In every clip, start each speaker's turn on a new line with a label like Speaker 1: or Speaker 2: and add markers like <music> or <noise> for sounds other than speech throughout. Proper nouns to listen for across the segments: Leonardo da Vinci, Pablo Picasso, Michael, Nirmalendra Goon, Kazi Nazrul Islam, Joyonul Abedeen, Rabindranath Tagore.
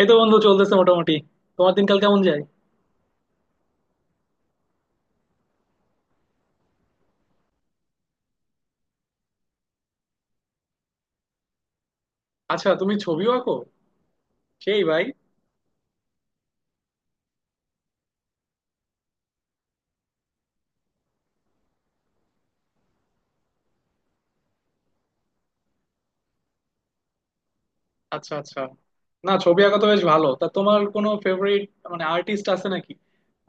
Speaker 1: এই তো বন্ধু চলতেছে মোটামুটি। তোমার দিনকাল কেমন যায়? আচ্ছা তুমি ছবিও আঁকো? সেই ভাই। আচ্ছা আচ্ছা। না ছবি আঁকা তো বেশ ভালো। তা তোমার কোনো ফেভারিট মানে আর্টিস্ট আছে নাকি?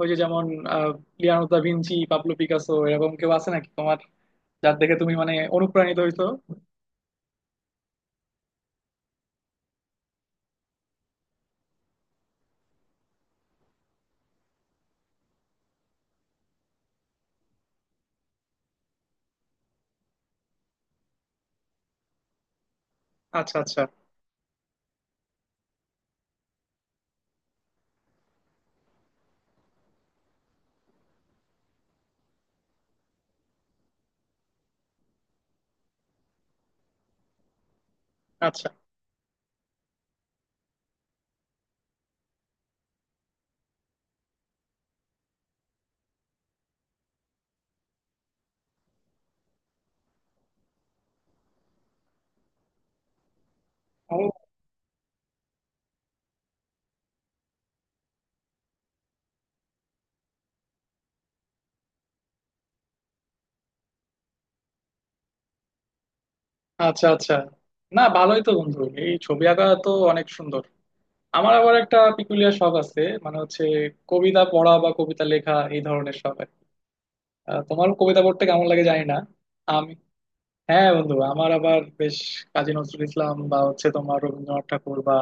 Speaker 1: ওই যে যেমন আহ Leonardo da Vinci, Pablo Picasso এরকম কেউ আছে নাকি তোমার, যার দেখে তুমি মানে অনুপ্রাণিত হইতো? আচ্ছা আচ্ছা। আচ্ছা। ও। আচ্ছা আচ্ছা। না ভালোই তো বন্ধু, এই ছবি আঁকা তো অনেক সুন্দর। আমার আবার একটা পিকুলিয়ার শখ আছে, মানে হচ্ছে কবিতা পড়া বা কবিতা লেখা এই ধরনের শখ আর কি। তোমার কবিতা পড়তে কেমন লাগে জানি না। আমি, হ্যাঁ বন্ধু আমার আবার বেশ কাজী নজরুল ইসলাম বা হচ্ছে তোমার রবীন্দ্রনাথ ঠাকুর বা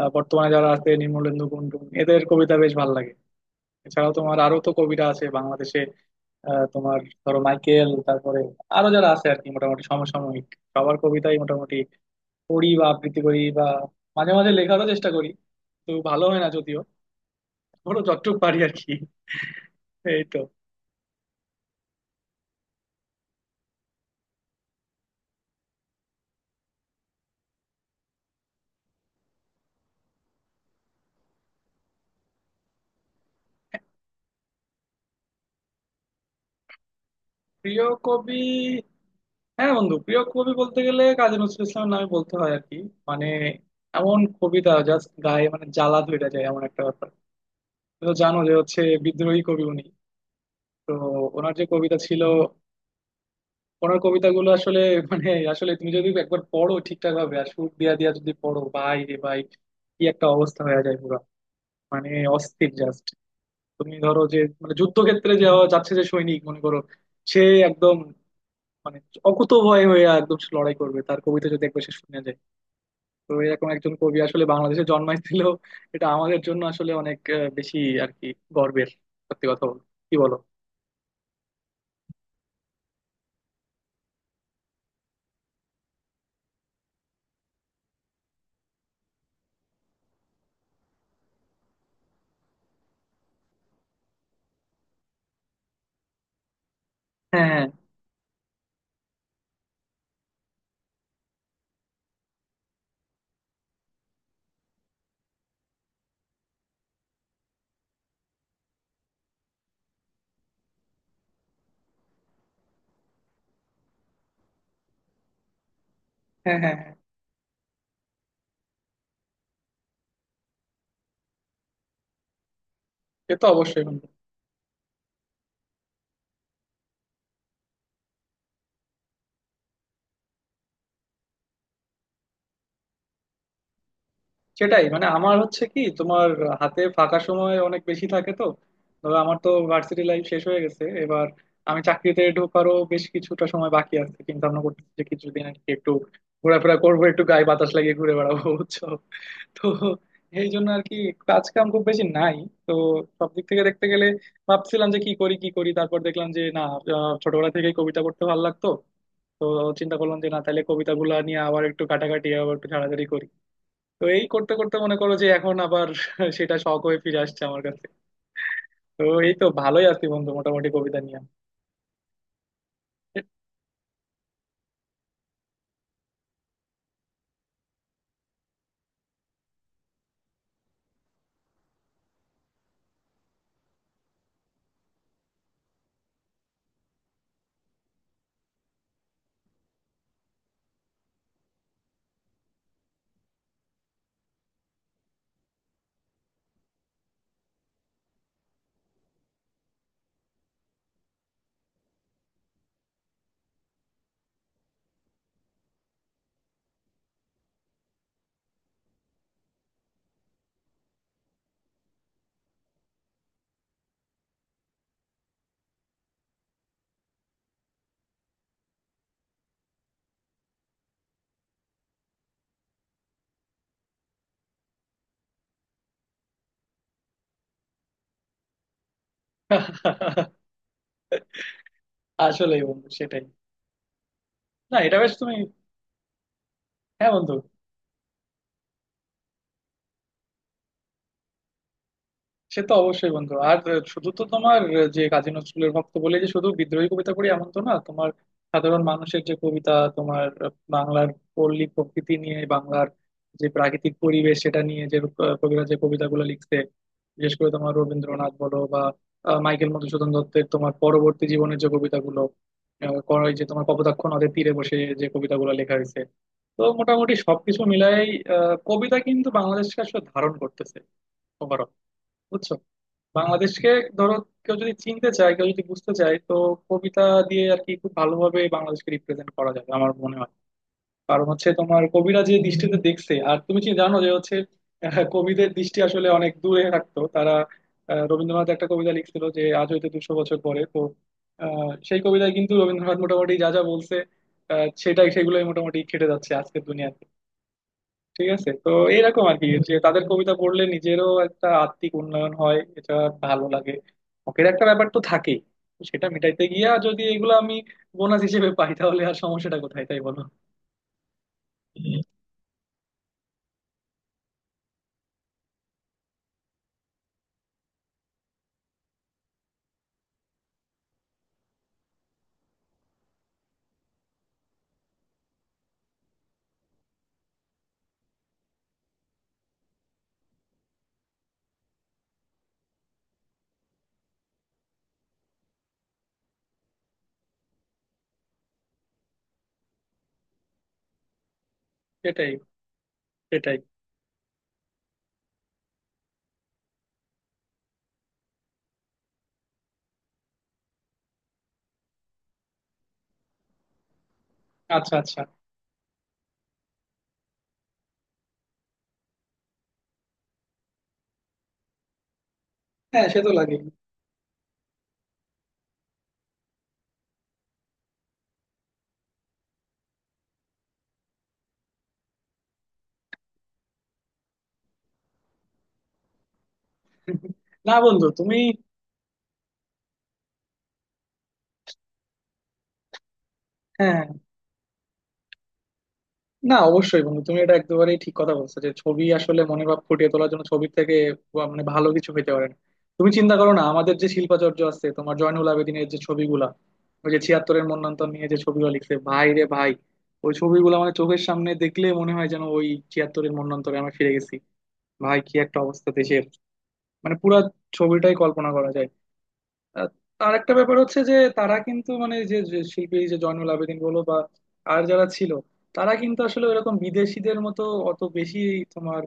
Speaker 1: বর্তমানে যারা আছে নির্মলেন্দু গুণটুন এদের কবিতা বেশ ভালো লাগে। এছাড়াও তোমার আরো তো কবিরা আছে বাংলাদেশে। তোমার ধরো মাইকেল, তারপরে আরো যারা আছে আর কি মোটামুটি সমসাময়িক সবার কবিতাই মোটামুটি পড়ি বা আবৃত্তি করি বা মাঝে মাঝে লেখারও চেষ্টা করি। তো ভালো হয় না যদিও। ধরো যতটুকু পারি আর কি। এই তো। প্রিয় কবি? হ্যাঁ বন্ধু, প্রিয় কবি বলতে গেলে কাজী নজরুল ইসলামের নামে বলতে হয় আর কি। মানে এমন কবিতা জাস্ট গায়ে মানে জ্বালা ধরে যায় এমন একটা ব্যাপার। তুমি তো জানো যে হচ্ছে বিদ্রোহী কবি উনি। তো ওনার যে কবিতা ছিল ওনার কবিতাগুলো আসলে <laughs> মানে আসলে তুমি যদি একবার পড়ো ঠিকঠাক ভাবে আর সুর দিয়া দিয়া যদি পড়ো ভাই রে ভাই, কি একটা অবস্থা হয়ে যায় পুরো। মানে অস্থির জাস্ট। তুমি ধরো যে মানে যুদ্ধক্ষেত্রে যাওয়া যাচ্ছে যে সৈনিক মনে করো, সে একদম মানে অকুত ভয় হয়ে একদম সে লড়াই করবে তার কবিতা যদি একবার সে শুনে যায়। তো এরকম একজন কবি আসলে বাংলাদেশে জন্মাইছিল। এটা আমাদের জন্য আসলে অনেক বেশি আর কি গর্বের, সত্যি কথা বলতে কি বলো। হ্যাঁ হ্যাঁ হ্যাঁ হ্যাঁ হ্যাঁ। এ তো অবশ্যই বন্ধু। সেটাই, মানে আমার হচ্ছে কি তোমার হাতে ফাঁকা সময় অনেক বেশি থাকে তো। ধরো আমার তো ভার্সিটি লাইফ শেষ হয়ে গেছে এবার। আমি চাকরিতে ঢোকারও বেশ কিছুটা সময় বাকি আছে, চিন্তা ভাবনা করতেছি যে কিছুদিন আর কি একটু ঘোরাফেরা করবো, একটু গায়ে বাতাস লাগিয়ে ঘুরে বেড়াবো বুঝছো। তো এই জন্য আর কি কাজ কাম খুব বেশি নাই। তো সব দিক থেকে দেখতে গেলে ভাবছিলাম যে কি করি কি করি, তারপর দেখলাম যে না, ছোটবেলা থেকেই কবিতা করতে ভালো লাগতো। তো চিন্তা করলাম যে না তাহলে কবিতাগুলো নিয়ে আবার একটু কাটাকাটি আবার একটু ঝাড়াঝাড়ি করি। তো এই করতে করতে মনে করো যে এখন আবার <laughs> সেটা শখ হয়ে ফিরে আসছে আমার কাছে। তো এই তো ভালোই আছি বন্ধু মোটামুটি কবিতা নিয়ে। <laughs> আসলেই বন্ধু সেটাই। না এটা বেশ, তুমি, হ্যাঁ বন্ধু, সে তো অবশ্যই বন্ধু। আর শুধু তো তোমার যে কাজী নজরুলের ভক্ত বলে যে শুধু বিদ্রোহী কবিতা পড়ি এমন তো না। তোমার সাধারণ মানুষের যে কবিতা, তোমার বাংলার পল্লী প্রকৃতি নিয়ে, বাংলার যে প্রাকৃতিক পরিবেশ সেটা নিয়ে যে কবিরা যে কবিতাগুলো লিখছে, বিশেষ করে তোমার রবীন্দ্রনাথ বলো বা মাইকেল মধুসূদন দত্তের তোমার পরবর্তী জীবনের যে কবিতাগুলো, ওই যে তোমার কপোতাক্ষ নদের তীরে বসে যে কবিতাগুলো লেখা হয়েছে। তো মোটামুটি সবকিছু মিলাই কবিতা কিন্তু বাংলাদেশকে আসলে ধারণ করতেছে ওভারঅল, বুঝছো, বাংলাদেশকে। ধরো কেউ যদি চিনতে চায় কেউ যদি বুঝতে চায়, তো কবিতা দিয়ে আর কি খুব ভালোভাবে বাংলাদেশকে রিপ্রেজেন্ট করা যাবে আমার মনে হয়। কারণ হচ্ছে তোমার কবিরা যে দৃষ্টিতে দেখছে, আর তুমি কি জানো যে হচ্ছে কবিদের দৃষ্টি আসলে অনেক দূরে থাকতো। তারা, রবীন্দ্রনাথ একটা কবিতা লিখছিল যে আজ হইতে 200 বছর পরে, তো সেই কবিতায় কিন্তু রবীন্দ্রনাথ মোটামুটি যা যা বলছে সেটাই সেগুলোই মোটামুটি খেটে যাচ্ছে আজকের দুনিয়াতে। ঠিক আছে তো এইরকম আর কি, যে তাদের কবিতা পড়লে নিজেরও একটা আত্মিক উন্নয়ন হয়, এটা ভালো লাগে। শখের একটা ব্যাপার তো থাকেই, তো সেটা মেটাইতে গিয়া যদি এগুলো আমি বোনাস হিসেবে পাই, তাহলে আর সমস্যাটা কোথায় তাই বলো। হুম। সেটাই। সেটাই। আচ্ছা আচ্ছা। হ্যাঁ সে তো লাগে। না বন্ধু তুমি, হ্যাঁ, না অবশ্যই বন্ধু তুমি এটা একেবারেই ঠিক কথা বলছো যে ছবি আসলে মনের ভাব ফুটিয়ে তোলার জন্য ছবির থেকে বা মানে ভালো কিছু হইতে পারে না। তুমি চিন্তা করো না, আমাদের যে শিল্পাচার্য আছে তোমার জয়নুল আবেদিনের যে ছবিগুলা, ওই যে ছিয়াত্তরের মন্বন্তর নিয়ে যে ছবিগুলো লিখছে, ভাই রে ভাই, ওই ছবিগুলো মানে চোখের সামনে দেখলে মনে হয় যেন ওই ছিয়াত্তরের মন্বন্তরে আমরা ফিরে গেছি। ভাই কি একটা অবস্থা দেশের, মানে পুরা ছবিটাই কল্পনা করা যায়। আহ, আর একটা ব্যাপার হচ্ছে যে তারা কিন্তু মানে যে যে শিল্পী, যে জয়নুল আবেদিন বলো বা আর যারা ছিল, তারা কিন্তু আসলে এরকম বিদেশিদের মতো অত বেশি তোমার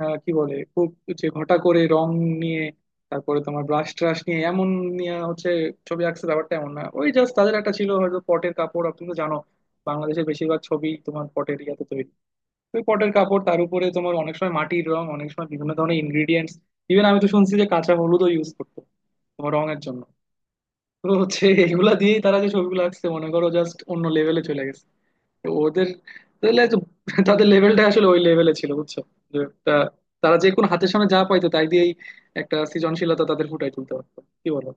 Speaker 1: কি বলে খুব যে ঘটা করে রং নিয়ে, তারপরে তোমার ব্রাশ ট্রাশ নিয়ে এমন নিয়ে হচ্ছে ছবি আঁকছে ব্যাপারটা এমন না। ওই জাস্ট তাদের একটা ছিল হয়তো পটের কাপড়, আর তুমি তো জানো বাংলাদেশের বেশিরভাগ ছবি তোমার পটের ইয়াতে তৈরি। ওই পটের কাপড় তার উপরে তোমার অনেক সময় মাটির রং, অনেক সময় বিভিন্ন ধরনের ইনগ্রিডিয়েন্টস, ইভেন আমি তো শুনছি যে কাঁচা হলুদও ইউজ করতো তোমার রঙের জন্য। তো হচ্ছে এগুলা দিয়েই তারা যে ছবিগুলো আঁকছে মনে করো জাস্ট অন্য লেভেলে চলে গেছে। তো ওদের, তাহলে তো <laughs> তাদের লেভেলটা আসলে ওই লেভেলে ছিল বুঝছো। যে একটা, তারা যে কোনো হাতের সামনে যা পাইতো তাই দিয়েই একটা সৃজনশীলতা তাদের ফুটাই তুলতে পারতো, কি বলো।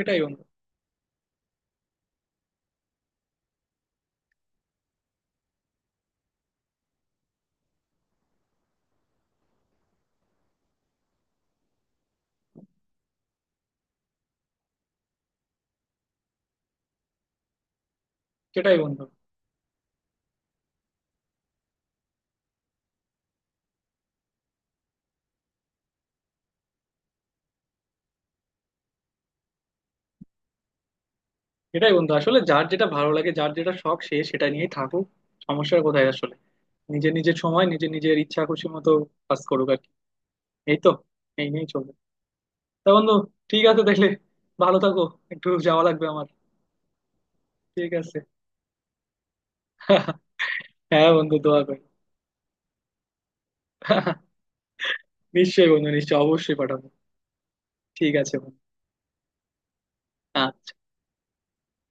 Speaker 1: এটাই বন্ধু। এটাই বন্ধু। এটাই বন্ধু আসলে যার যেটা ভালো লাগে যার যেটা শখ সে সেটা নিয়েই থাকুক, সমস্যার কোথায় আসলে। নিজের নিজের সময় নিজের নিজের ইচ্ছা খুশি মতো কাজ করুক আর কি। এই তো, এই নিয়েই চলবে। তা বন্ধু, ঠিক আছে দেখলে, ভালো থাকো, একটু যাওয়া লাগবে আমার। ঠিক আছে। <laughs> হ্যাঁ বন্ধু দোয়া করি। <laughs> নিশ্চয়ই বন্ধু নিশ্চয়ই, অবশ্যই পাঠাবো। ঠিক আছে বন্ধু। আচ্ছা।